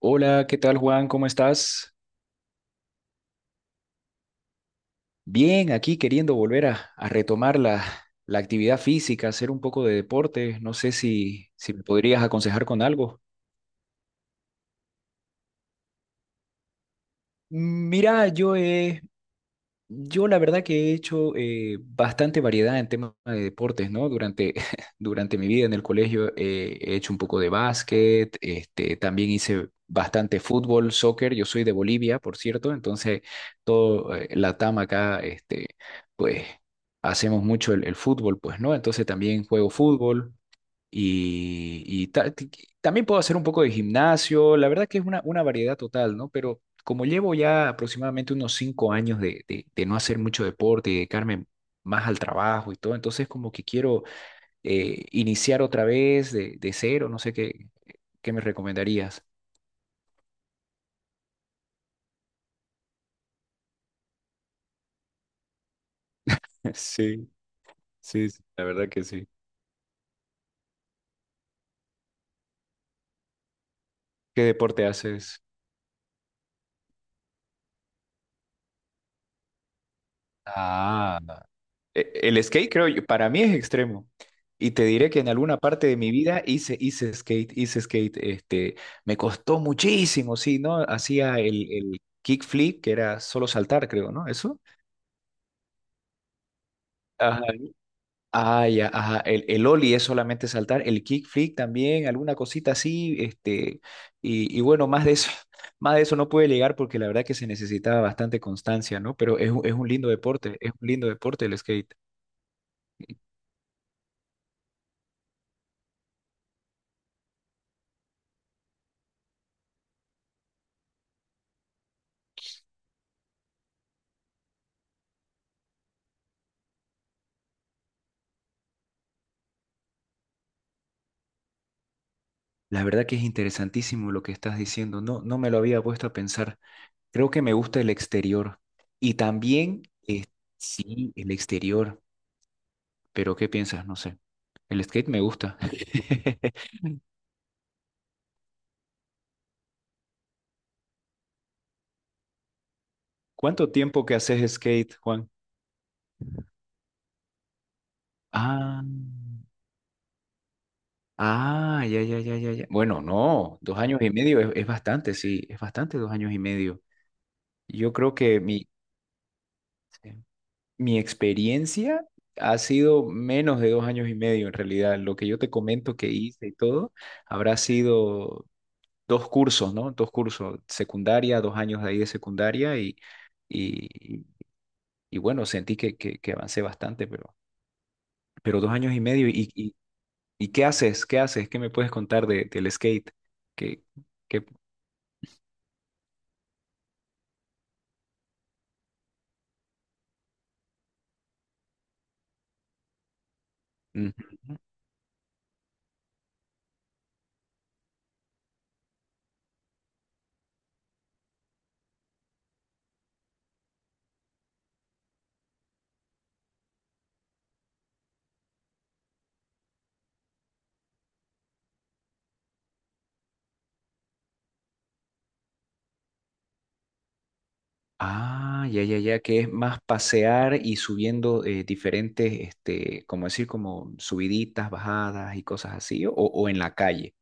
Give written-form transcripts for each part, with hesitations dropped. Hola, ¿qué tal Juan? ¿Cómo estás? Bien, aquí queriendo volver a retomar la actividad física, hacer un poco de deporte. No sé si me podrías aconsejar con algo. Mira, yo la verdad que he hecho bastante variedad en temas de deportes, ¿no? Durante, durante mi vida en el colegio he hecho un poco de básquet, este, también hice bastante fútbol, soccer. Yo soy de Bolivia, por cierto, entonces todo Latam acá, este, pues hacemos mucho el fútbol, pues, ¿no? Entonces también juego fútbol, y también puedo hacer un poco de gimnasio, la verdad que es una variedad total, ¿no? Pero como llevo ya aproximadamente unos 5 años de no hacer mucho deporte y dedicarme más al trabajo y todo, entonces como que quiero iniciar otra vez de cero, no sé qué me recomendarías. Sí, sí, sí, la verdad que sí. ¿Qué deporte haces? Ah, el skate, creo yo, para mí es extremo. Y te diré que en alguna parte de mi vida hice skate, hice skate. Este, me costó muchísimo, sí, ¿no? Hacía el kickflip, que era solo saltar, creo, ¿no? Eso. Ajá. Ah, ya, ajá. El ollie es solamente saltar, el kickflip también, alguna cosita así, este, y bueno, más de eso, más de eso no pude llegar porque la verdad que se necesitaba bastante constancia, ¿no? Pero es un lindo deporte, es un lindo deporte el skate. La verdad que es interesantísimo lo que estás diciendo. No, no me lo había puesto a pensar. Creo que me gusta el exterior. Y también, eh, sí, el exterior. Pero ¿qué piensas? No sé. El skate me gusta. ¿Cuánto tiempo que haces skate, Juan? Ah, ah, ya, ya, ya, ya, ya. Bueno, no, 2 años y medio es bastante, sí, es bastante 2 años y medio. Yo creo que mi. Sí. Mi experiencia ha sido menos de 2 años y medio en realidad. Lo que yo te comento que hice y todo habrá sido dos cursos, ¿no? Dos cursos, secundaria, 2 años de ahí de secundaria y, y bueno, sentí que avancé bastante, pero 2 años y medio. ¿Y qué haces? ¿Qué haces? ¿Qué me puedes contar del skate? ¿Qué, qué? Ah, ya, ya, ya, que es más pasear y subiendo diferentes, este, como decir, como subiditas, bajadas y cosas así, o en la calle.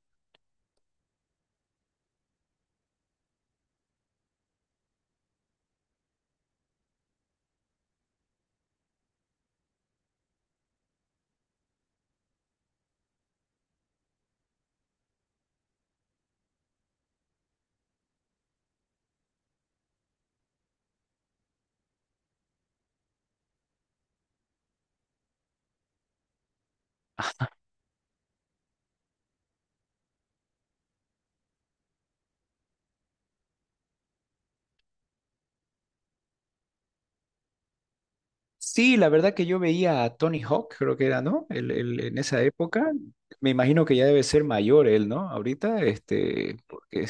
Sí, la verdad que yo veía a Tony Hawk, creo que era, ¿no? En esa época, me imagino que ya debe ser mayor él, ¿no? Ahorita, este, porque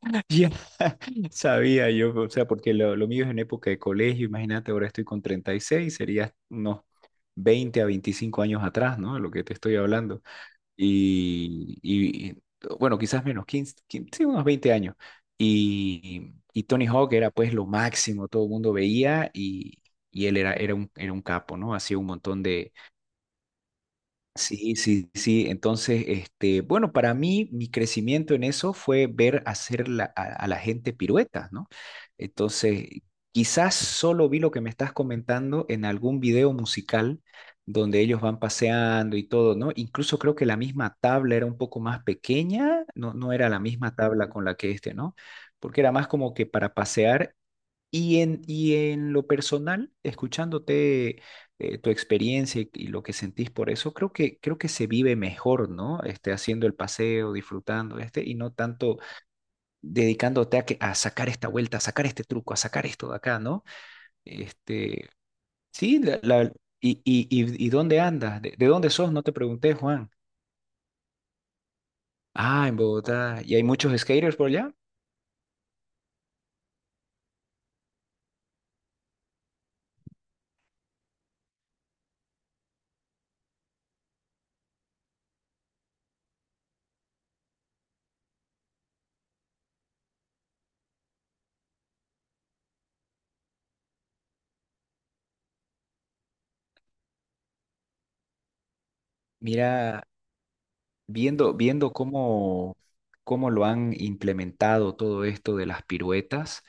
ya sabía yo, o sea, porque lo mío es en época de colegio, imagínate, ahora estoy con 36, sería unos 20 a 25 años atrás, ¿no? Lo que te estoy hablando. y, y- bueno, quizás menos, 15 15, sí, unos 20 años. Y Tony Hawk era pues lo máximo, todo el mundo veía y él era un capo, ¿no? Hacía un montón de. Sí, sí, sí. Entonces, este, bueno, para mí mi crecimiento en eso fue ver hacer a la gente piruetas, ¿no? Entonces, quizás solo vi lo que me estás comentando en algún video musical donde ellos van paseando y todo, ¿no? Incluso creo que la misma tabla era un poco más pequeña, no, no era la misma tabla con la que este, ¿no? Porque era más como que para pasear y en lo personal, escuchándote tu experiencia y lo que sentís por eso, creo que se vive mejor, ¿no? Este, haciendo el paseo, disfrutando, este, y no tanto dedicándote a sacar esta vuelta, a sacar este truco, a sacar esto de acá, ¿no? Este, sí, ¿y dónde andas? ¿De dónde sos? No te pregunté, Juan. Ah, en Bogotá. ¿Y hay muchos skaters por allá? Mira, viendo cómo lo han implementado todo esto de las piruetas,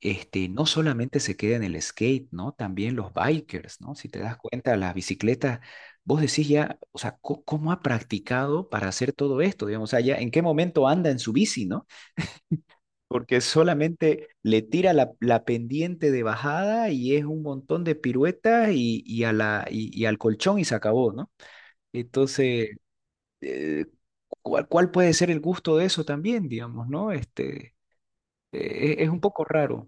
este, no solamente se queda en el skate, ¿no? También los bikers, ¿no? Si te das cuenta, las bicicletas, vos decís ya, o sea, ¿cómo, ha practicado para hacer todo esto? Digamos, o sea, ya, ¿en qué momento anda en su bici, ¿no? Porque solamente le tira la pendiente de bajada y es un montón de piruetas y al colchón y se acabó, ¿no? Entonces, eh, ¿cuál puede ser el gusto de eso también, digamos, ¿no? Este, es un poco raro.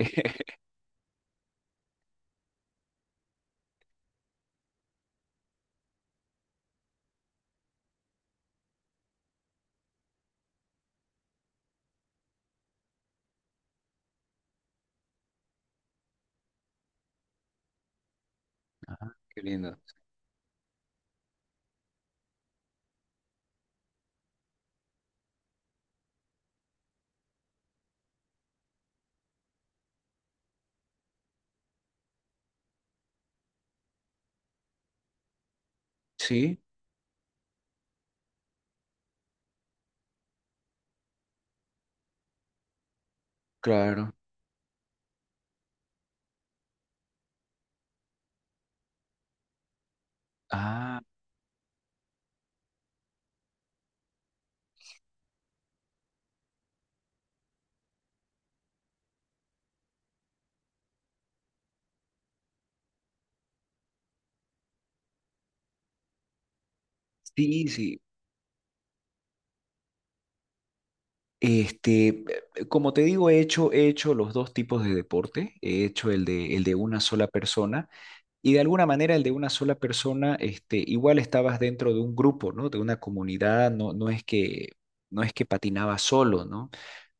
Ah, qué lindo. Sí, claro. Ah, sí, sí. Este, como te digo, he hecho los dos tipos de deporte. He hecho el de una sola persona. Y de alguna manera el de una sola persona, este, igual estabas dentro de un grupo, ¿no? De una comunidad, no, no es que patinabas solo, ¿no?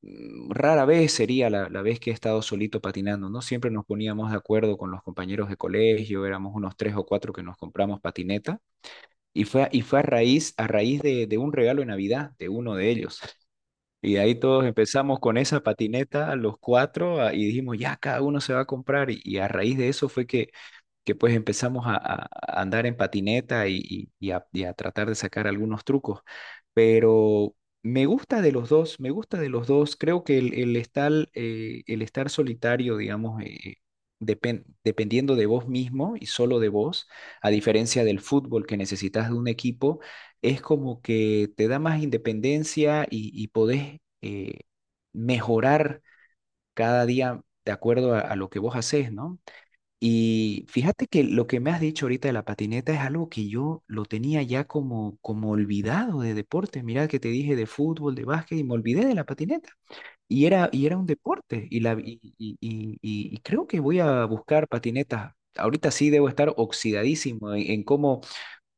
Rara vez sería la vez que he estado solito patinando, ¿no? Siempre nos poníamos de acuerdo con los compañeros de colegio, éramos unos tres o cuatro que nos compramos patineta, y fue a raíz de un regalo de Navidad de uno de ellos. Y ahí todos empezamos con esa patineta, los cuatro, y dijimos, ya, cada uno se va a comprar, y a raíz de eso fue que pues empezamos a andar en patineta y a tratar de sacar algunos trucos. Pero me gusta de los dos, me gusta de los dos. Creo que el estar solitario, digamos, dependiendo de vos mismo y solo de vos, a diferencia del fútbol que necesitas de un equipo, es como que te da más independencia y podés mejorar cada día de acuerdo a lo que vos haces, ¿no? Y fíjate que lo que me has dicho ahorita de la patineta es algo que yo lo tenía ya como olvidado de deporte. Mira que te dije de fútbol, de básquet y me olvidé de la patineta. Y era un deporte. Y, la, y creo que voy a buscar patinetas. Ahorita sí debo estar oxidadísimo en cómo,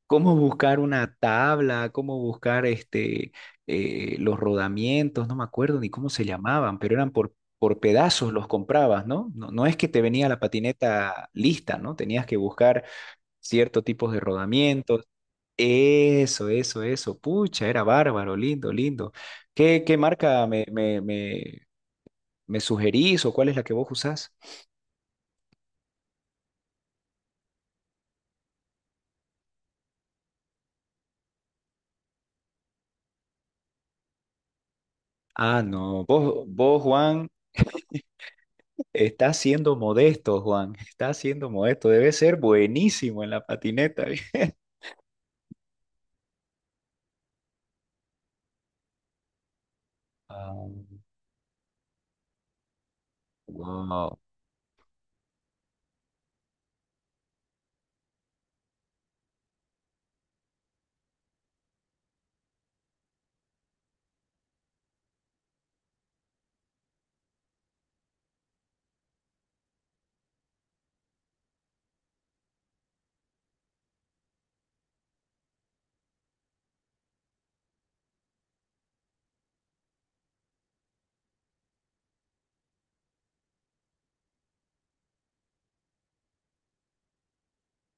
cómo buscar una tabla, cómo buscar este, los rodamientos, no me acuerdo ni cómo se llamaban, pero eran por pedazos los comprabas, ¿no? No, no es que te venía la patineta lista, ¿no? Tenías que buscar ciertos tipos de rodamientos. Eso, eso, eso. Pucha, era bárbaro, lindo, lindo. ¿Qué marca me sugerís o cuál es la que vos usás? Ah, no. Vos, Juan, está siendo modesto, Juan. Está siendo modesto. Debe ser buenísimo en la patineta. Ah, wow.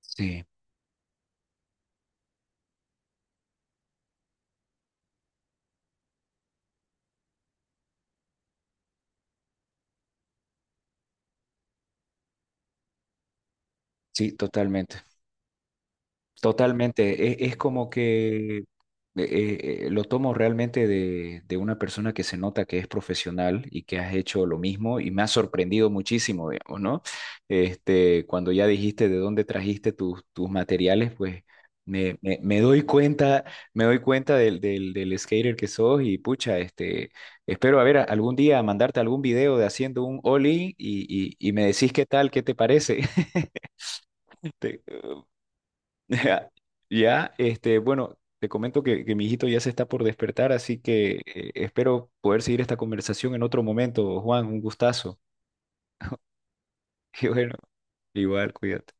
Sí, sí, totalmente. Totalmente, es, como que lo tomo realmente de una persona que se nota que es profesional y que has hecho lo mismo y me ha sorprendido muchísimo, digamos, ¿no? Este, cuando ya dijiste de dónde trajiste tus materiales, pues me, me- me doy cuenta, me doy cuenta del skater que sos y pucha, este, espero a ver algún día mandarte algún video de haciendo un ollie y me decís qué tal, qué te parece. Este, Ya, ya, este, bueno, te comento que mi hijito ya se está por despertar, así que espero poder seguir esta conversación en otro momento. Juan, un gustazo. Y bueno, igual, cuídate.